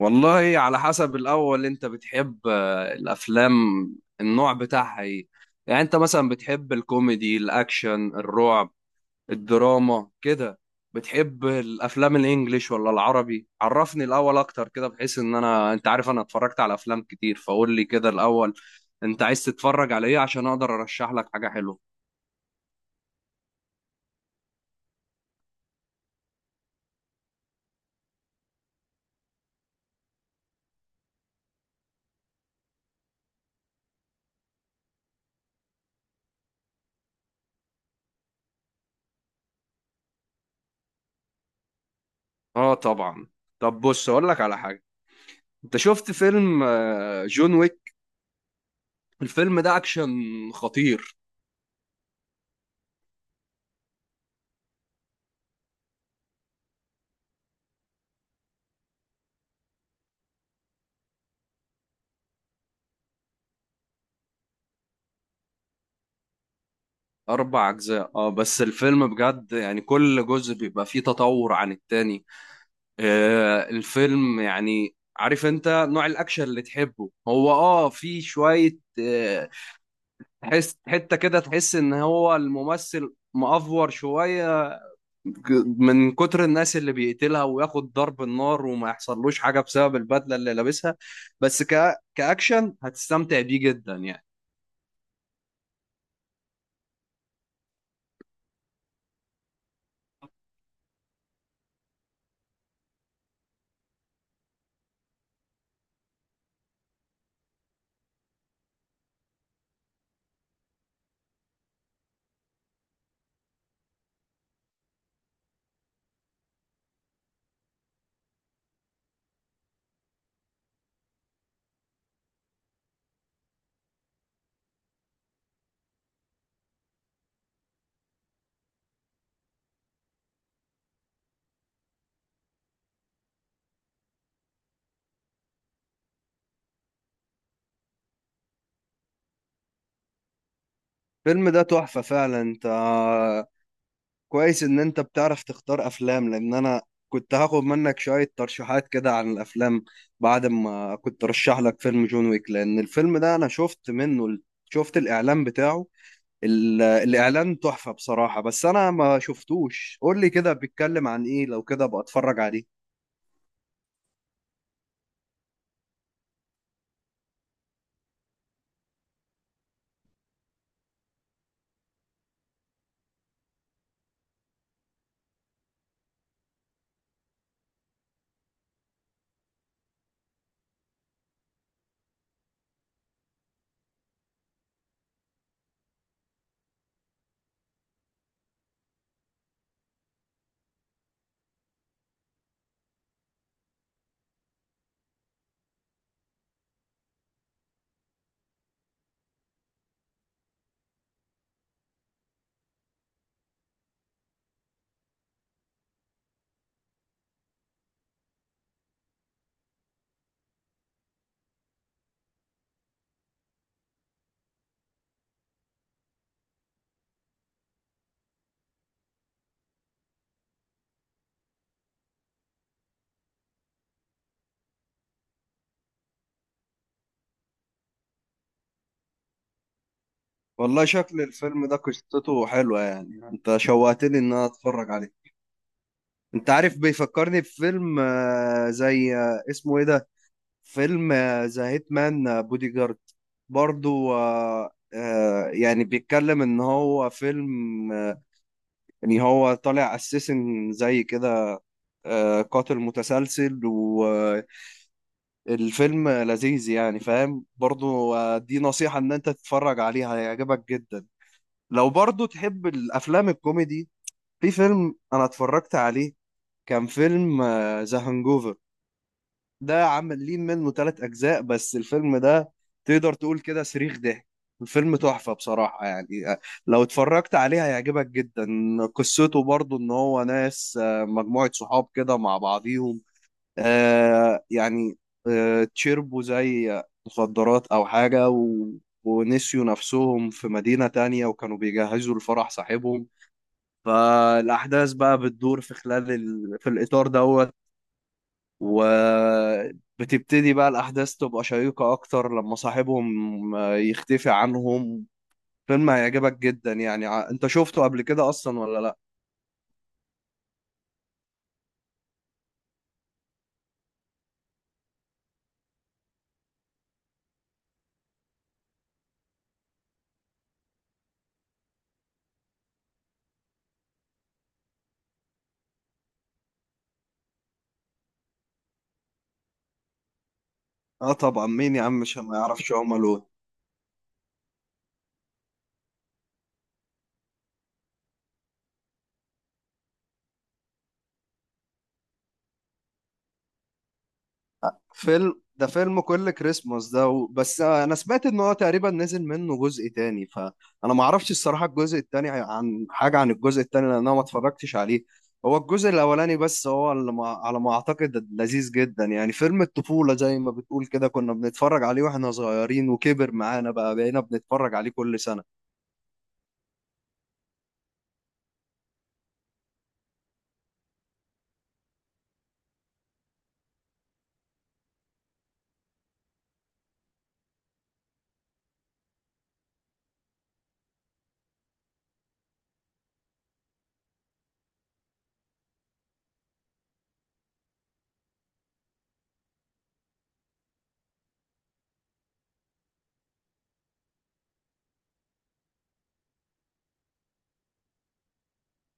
والله على حسب. الأول أنت بتحب الأفلام النوع بتاعها إيه؟ يعني أنت مثلا بتحب الكوميدي، الأكشن، الرعب، الدراما كده؟ بتحب الأفلام الإنجليش ولا العربي؟ عرفني الأول أكتر كده، بحيث إن أنا، أنت عارف، أنا اتفرجت على أفلام كتير، فقول لي كده الأول أنت عايز تتفرج على إيه عشان أقدر أرشح لك حاجة حلوة. آه طبعا. طب بص أقول لك على حاجة. أنت شفت فيلم جون ويك؟ الفيلم ده أكشن خطير. أربع أجزاء اه، بس الفيلم بجد يعني كل جزء بيبقى فيه تطور عن التاني. آه، الفيلم يعني، عارف انت نوع الأكشن اللي تحبه، هو اه في شوية، تحس حتة كده، تحس ان هو الممثل مأفور شوية. من كتر الناس اللي بيقتلها وياخد ضرب النار وما يحصلوش حاجة بسبب البدلة اللي لابسها. بس كأكشن هتستمتع بيه جدا يعني. الفيلم ده تحفة فعلا. انت كويس ان انت بتعرف تختار افلام، لان انا كنت هاخد منك شوية ترشيحات كده عن الافلام بعد ما كنت رشح لك فيلم جون ويك. لان الفيلم ده انا شفت منه شفت الاعلان بتاعه. الاعلان تحفة بصراحة، بس انا ما شفتوش. قول لي كده بيتكلم عن ايه، لو كده ابقى اتفرج عليه. والله شكل الفيلم ده قصته حلوة يعني، انت شوقتني ان انا اتفرج عليه. انت عارف، بيفكرني بفيلم، آه، زي آه، اسمه ايه ده؟ فيلم ذا هيتمان بودي جارد. برضو يعني بيتكلم ان هو فيلم، آه، ان هو طالع اساسن زي كده، قاتل متسلسل. والفيلم لذيذ يعني فاهم. برضو دي نصيحة ان انت تتفرج عليها، هيعجبك جدا. لو برضو تحب الافلام الكوميدي، في فيلم انا اتفرجت عليه كان فيلم ذا هانجوفر. ده عاملين منه ثلاث اجزاء، بس الفيلم ده تقدر تقول كده صريخ ضحك. الفيلم تحفة بصراحة يعني. لو اتفرجت عليه هيعجبك جدا. قصته برضو ان هو ناس، مجموعة صحاب كده مع بعضيهم، آه، يعني تشربوا زي مخدرات او حاجة ونسيوا نفسهم في مدينة تانية، وكانوا بيجهزوا لفرح صاحبهم. فالأحداث بقى بتدور في خلال في الإطار دوت. وبتبتدي بقى الأحداث تبقى شيقة أكتر لما صاحبهم يختفي عنهم. فيلم هيعجبك جدا يعني. أنت شفته قبل كده أصلا ولا لأ؟ آه طبعا، مين يا عم مش ما يعرفش هوم ألون؟ فيلم ده فيلم كل كريسماس ده بس انا سمعت ان هو تقريبا نزل منه جزء تاني، فانا ما اعرفش الصراحه الجزء التاني عن حاجه عن الجزء التاني لان انا ما اتفرجتش عليه. هو الجزء الاولاني بس، هو اللي ما... على ما اعتقد لذيذ جدا يعني. فيلم الطفوله زي ما بتقول كده، كنا بنتفرج عليه واحنا صغيرين، وكبر معانا بقى بقينا بنتفرج عليه كل سنه.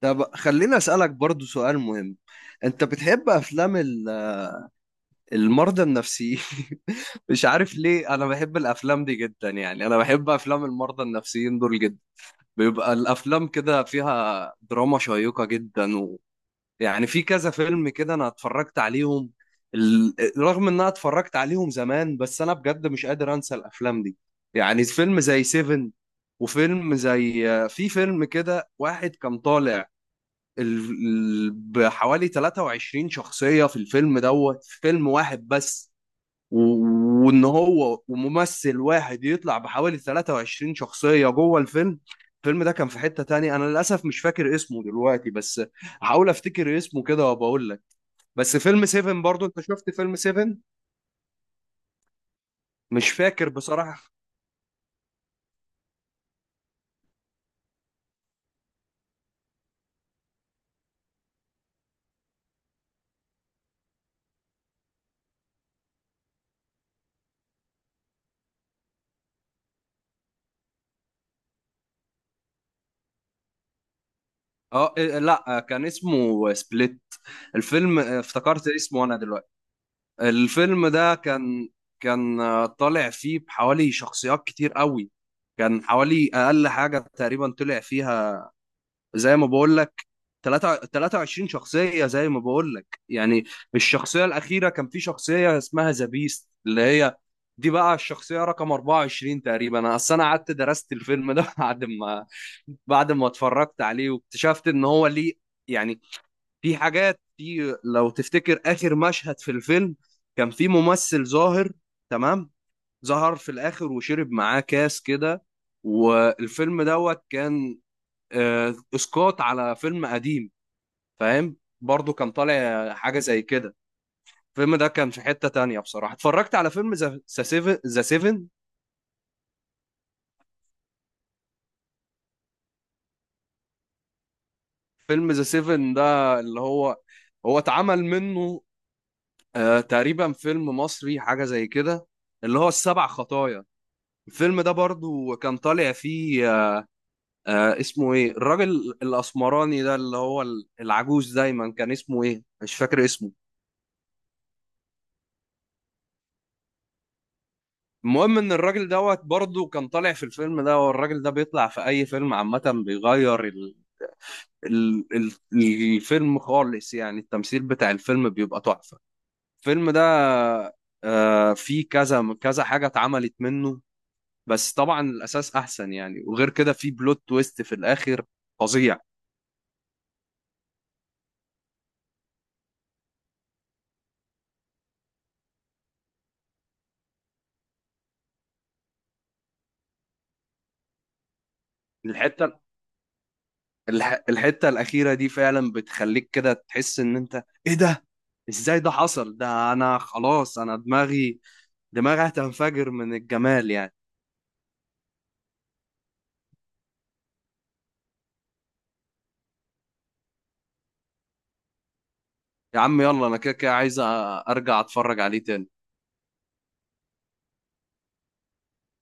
طب خليني اسالك برضو سؤال مهم. انت بتحب افلام المرضى النفسيين؟ مش عارف ليه انا بحب الافلام دي جدا. يعني انا بحب افلام المرضى النفسيين دول جدا. بيبقى الافلام كده فيها دراما شيقة جدا يعني في كذا فيلم كده انا اتفرجت عليهم، رغم ان انا اتفرجت عليهم زمان، بس انا بجد مش قادر انسى الافلام دي. يعني فيلم زي سيفن، وفيلم زي في فيلم كده واحد كان طالع ال... بحوالي 23 شخصية في الفيلم دوت، في فيلم واحد بس. وان هو وممثل واحد يطلع بحوالي 23 شخصية جوه الفيلم. الفيلم ده كان في حتة تانية، انا للاسف مش فاكر اسمه دلوقتي، بس هحاول افتكر اسمه كده وبقول لك. بس فيلم 7 برضو، انت شفت فيلم 7؟ مش فاكر بصراحة. اه إيه، لا كان اسمه سبليت. الفيلم، افتكرت اسمه انا دلوقتي. الفيلم ده كان، كان طالع فيه بحوالي شخصيات كتير قوي. كان حوالي اقل حاجة تقريبا طلع فيها، زي ما بقول، 23 شخصية، زي ما بقول لك يعني. الشخصية الأخيرة كان في شخصية اسمها ذا بيست، اللي هي دي بقى الشخصية رقم 24 تقريبا. أنا أصل أنا قعدت درست الفيلم ده بعد ما اتفرجت عليه واكتشفت إن هو ليه يعني. في حاجات، لو تفتكر آخر مشهد في الفيلم، كان في ممثل ظاهر، تمام، ظهر في الآخر وشرب معاه كاس كده. والفيلم دوت كان اسقاط على فيلم قديم، فاهم. برضو كان طالع حاجه زي كده. الفيلم ده كان في حته تانية بصراحه. اتفرجت على فيلم ذا سيفن. فيلم ذا سيفن ده اللي هو، هو اتعمل منه آه تقريبا فيلم مصري حاجه زي كده، اللي هو السبع خطايا. الفيلم ده برضو كان طالع فيه آه، اسمه ايه الراجل الاسمراني ده اللي هو العجوز دايما، كان اسمه ايه مش فاكر اسمه. المهم ان الراجل دوت برضو كان طالع في الفيلم ده، والراجل ده بيطلع في اي فيلم عامه بيغير ال- ال- الفيلم خالص يعني. التمثيل بتاع الفيلم بيبقى تحفة. الفيلم ده فيه كذا كذا حاجة اتعملت منه، بس طبعا الأساس أحسن يعني. وغير كده فيه بلوت تويست في الآخر فظيع. الحتة الحتة الأخيرة دي فعلا بتخليك كده تحس إن أنت إيه ده، إزاي ده حصل ده؟ أنا خلاص أنا، دماغي هتنفجر من الجمال يعني. يا عم يلا، أنا كده كده عايز أرجع أتفرج عليه تاني.